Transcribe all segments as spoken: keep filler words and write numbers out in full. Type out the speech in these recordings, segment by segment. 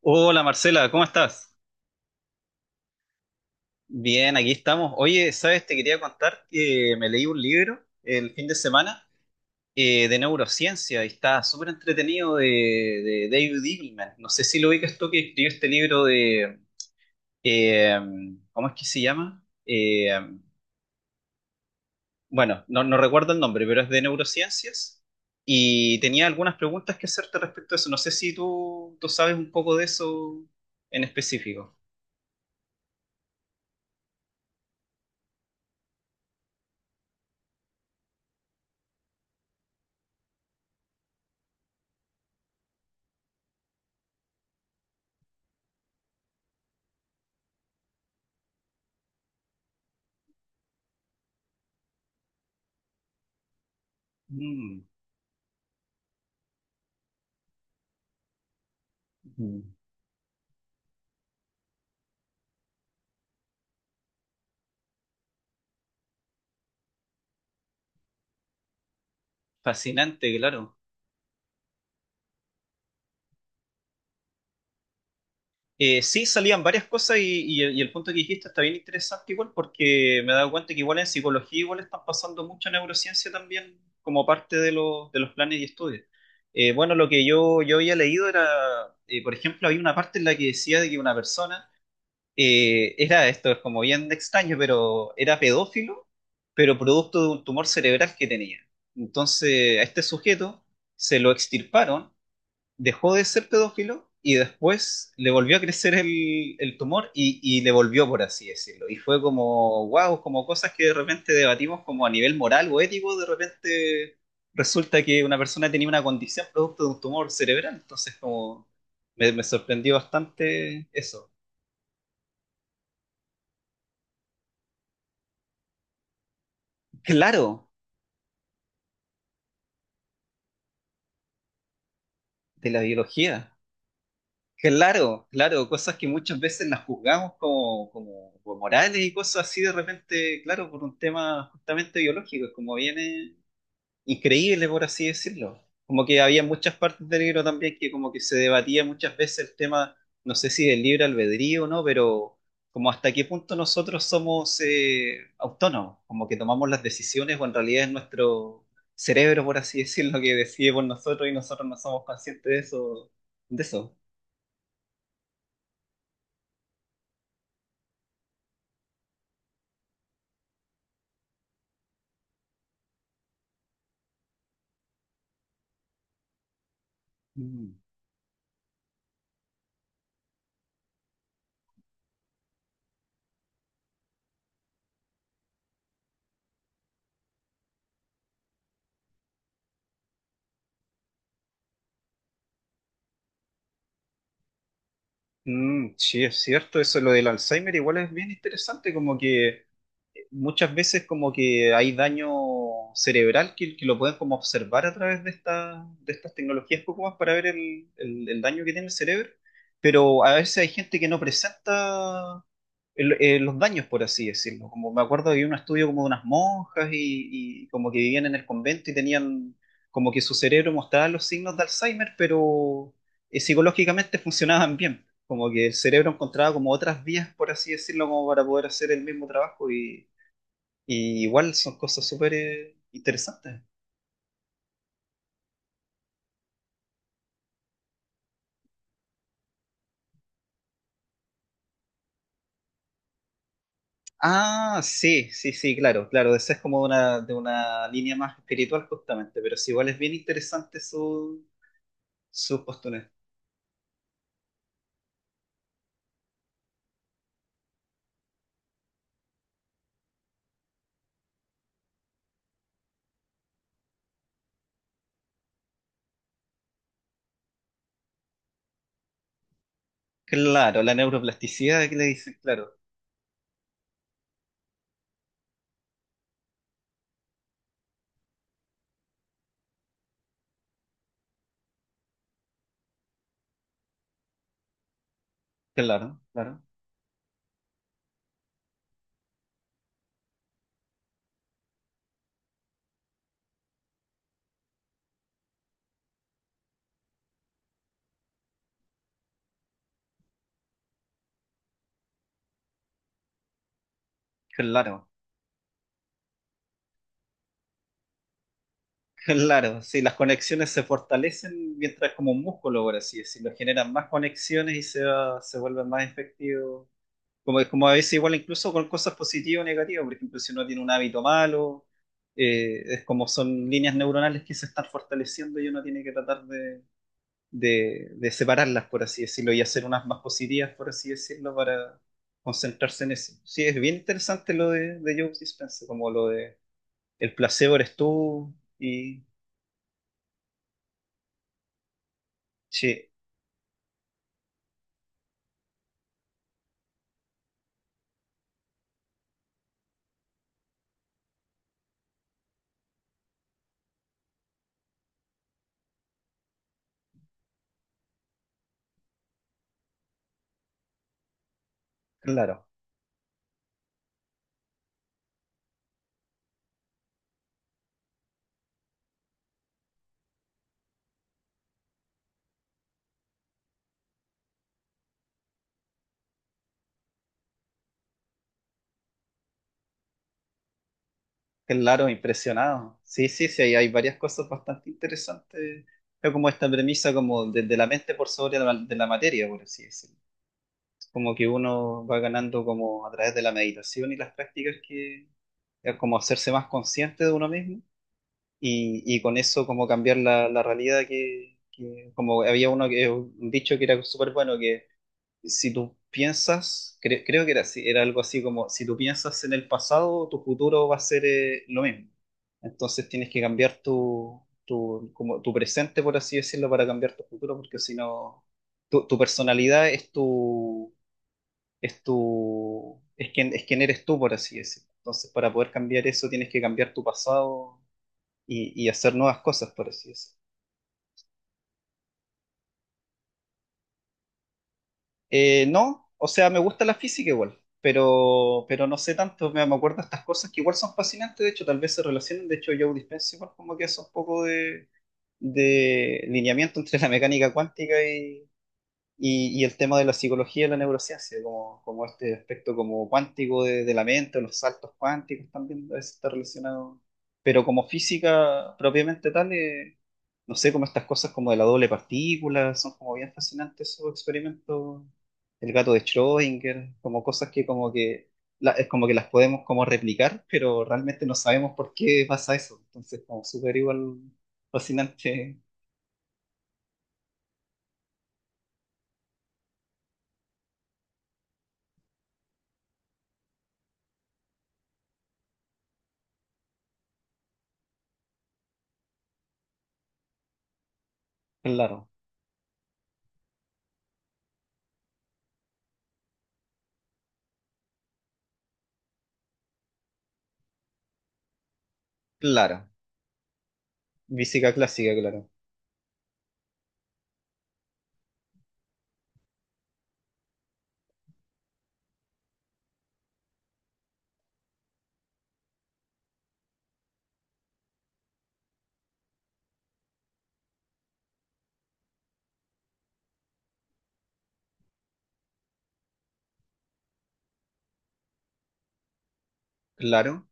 Hola Marcela, ¿cómo estás? Bien, aquí estamos. Oye, ¿sabes? Te quería contar que me leí un libro el fin de semana eh, de neurociencia y está súper entretenido de, de David Eagleman. No sé si lo ubicas tú que escribió este libro de... eh, ¿cómo es que se llama? Eh, bueno, no, no recuerdo el nombre, pero es de neurociencias y tenía algunas preguntas que hacerte respecto a eso. No sé si tú, tú sabes un poco de eso en específico. Mm, mm. Fascinante, claro. Eh, sí, salían varias cosas y, y el y el punto que dijiste está bien interesante igual porque me he dado cuenta que igual en psicología igual están pasando mucha neurociencia también como parte de, los de los planes y estudios. Eh, bueno, lo que yo, yo había leído era, eh, por ejemplo, había una parte en la que decía de que una persona eh, era, esto es como bien extraño, pero era pedófilo, pero producto de un tumor cerebral que tenía. Entonces, a este sujeto se lo extirparon, dejó de ser pedófilo y después le volvió a crecer el, el tumor y, y le volvió, por así decirlo. Y fue como wow, como cosas que de repente debatimos como a nivel moral o ético, de repente resulta que una persona tenía una condición producto de un tumor cerebral. Entonces, como me, me sorprendió bastante eso. Claro, de la biología. Claro, claro, cosas que muchas veces las juzgamos como, como, como morales y cosas así de repente, claro, por un tema justamente biológico, es como viene increíble, por así decirlo. Como que había muchas partes del libro también que como que se debatía muchas veces el tema, no sé si del libre albedrío o no, pero como hasta qué punto nosotros somos eh, autónomos, como que tomamos las decisiones o en realidad es nuestro cerebro, por así decirlo, que decide por nosotros y nosotros no somos conscientes de eso, de eso. Mm. Mm, sí, es cierto, eso lo del Alzheimer igual es bien interesante, como que muchas veces como que hay daño cerebral que, que lo pueden como observar a través de, esta- de estas tecnologías poco más para ver el, el- el daño que tiene el cerebro, pero a veces hay gente que no presenta el- eh, los daños, por así decirlo. Como me acuerdo que había un estudio como de unas monjas y, y como que vivían en el convento y tenían como que su cerebro mostraba los signos de Alzheimer, pero eh, psicológicamente funcionaban bien. Como que el cerebro encontraba como otras vías, por así decirlo, como para poder hacer el mismo trabajo y, y igual son cosas súper eh, interesantes. Ah, sí, sí, sí, claro, claro. Esa es como una, de una línea más espiritual justamente, pero sí, igual es bien interesante su, su postura. Claro, la neuroplasticidad que le dicen, claro, claro, claro, claro, claro. Sí, las conexiones se fortalecen mientras es como un músculo, por así decirlo, generan más conexiones y se va- se vuelven más efectivos como, es como a veces igual incluso con cosas positivas o negativas, por ejemplo, si uno tiene un hábito malo, eh, es como son líneas neuronales que se están fortaleciendo y uno tiene que tratar de, de- de separarlas, por así decirlo, y hacer unas más positivas, por así decirlo, para concentrarse en eso. Sí, es bien interesante lo de, de Joe Dispenza, como lo de el placebo eres tú y, sí, claro. Claro, impresionado. Sí, sí, sí, hay, hay varias cosas bastante interesantes. Es como esta premisa como desde la mente por sobre la, de la materia, por así decirlo. Es como que uno va ganando como a través de la meditación y las prácticas que es como hacerse más consciente de uno mismo y, y con eso como cambiar la, la realidad que, que como había uno que un dicho que era súper bueno que si tú piensas, cre- creo que era así, era algo así como, si tú piensas en el pasado, tu futuro va a ser eh, lo mismo. Entonces tienes que cambiar tu, tu, como tu presente, por así decirlo, para cambiar tu futuro, porque si no, tu, tu personalidad es tu, es tu, es quien, es quien eres tú, por así decirlo. Entonces, para poder cambiar eso, tienes que cambiar tu pasado y, y hacer nuevas cosas, por así decirlo. Eh, no, o sea, me gusta la física igual, pero, pero no sé tanto, me, me acuerdo de estas cosas que igual son fascinantes, de hecho, tal vez se relacionan, de hecho, Joe Dispenza igual como que hace un poco de, de lineamiento entre la mecánica cuántica y, y, y el tema de la psicología y la neurociencia, como, como este aspecto como cuántico de, de la mente, o los saltos cuánticos también a veces está relacionado. Pero como física propiamente tal, eh, no sé, como estas cosas como de la doble partícula, son como bien fascinantes esos experimentos, el gato de Schrödinger, como cosas que como que, la- es como que las podemos como replicar, pero realmente no sabemos por qué pasa eso. Entonces, como súper igual fascinante, claro. Claro, física clásica, claro. Claro,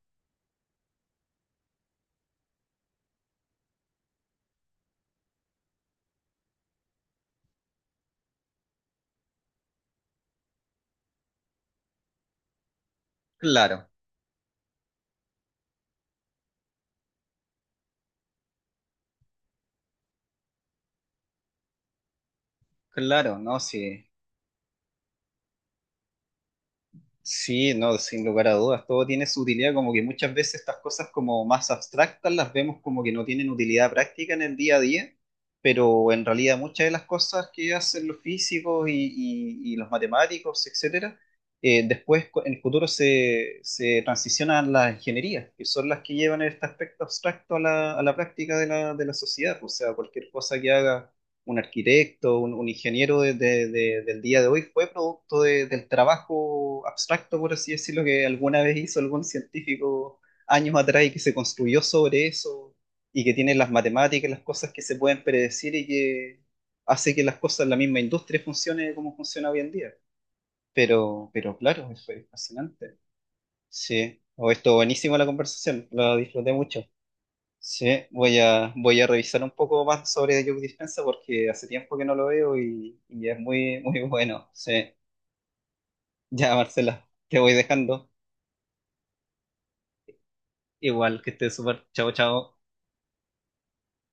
claro, claro, no, sí, sí, no, sin lugar a dudas, todo tiene su utilidad, como que muchas veces estas cosas como más abstractas las vemos como que no tienen utilidad práctica en el día a día, pero en realidad muchas de las cosas que hacen los físicos y, y- y los matemáticos, etcétera, eh, después co- en el futuro se, se transicionan a las ingenierías, que son las que llevan este aspecto abstracto a la, a la práctica de la, de la sociedad, o sea, cualquier cosa que haga un arquitecto, un, un ingeniero de- de- de- del día de hoy fue producto de- del trabajo abstracto, por así decirlo, que alguna vez hizo algún científico años atrás y que se construyó sobre eso y que tiene las matemáticas, las cosas que se pueden predecir y que hace que las cosas, la misma industria funcione como funciona hoy en día. Pero, pero claro, eso es fascinante. Sí, o esto buenísima la conversación, la disfruté mucho. Sí, voy a, voy a revisar un poco más sobre Joe Dispensa porque hace tiempo que no lo veo y, y es muy, muy bueno. Sí, ya Marcela, te voy dejando. Igual que estés súper. Chao, chao.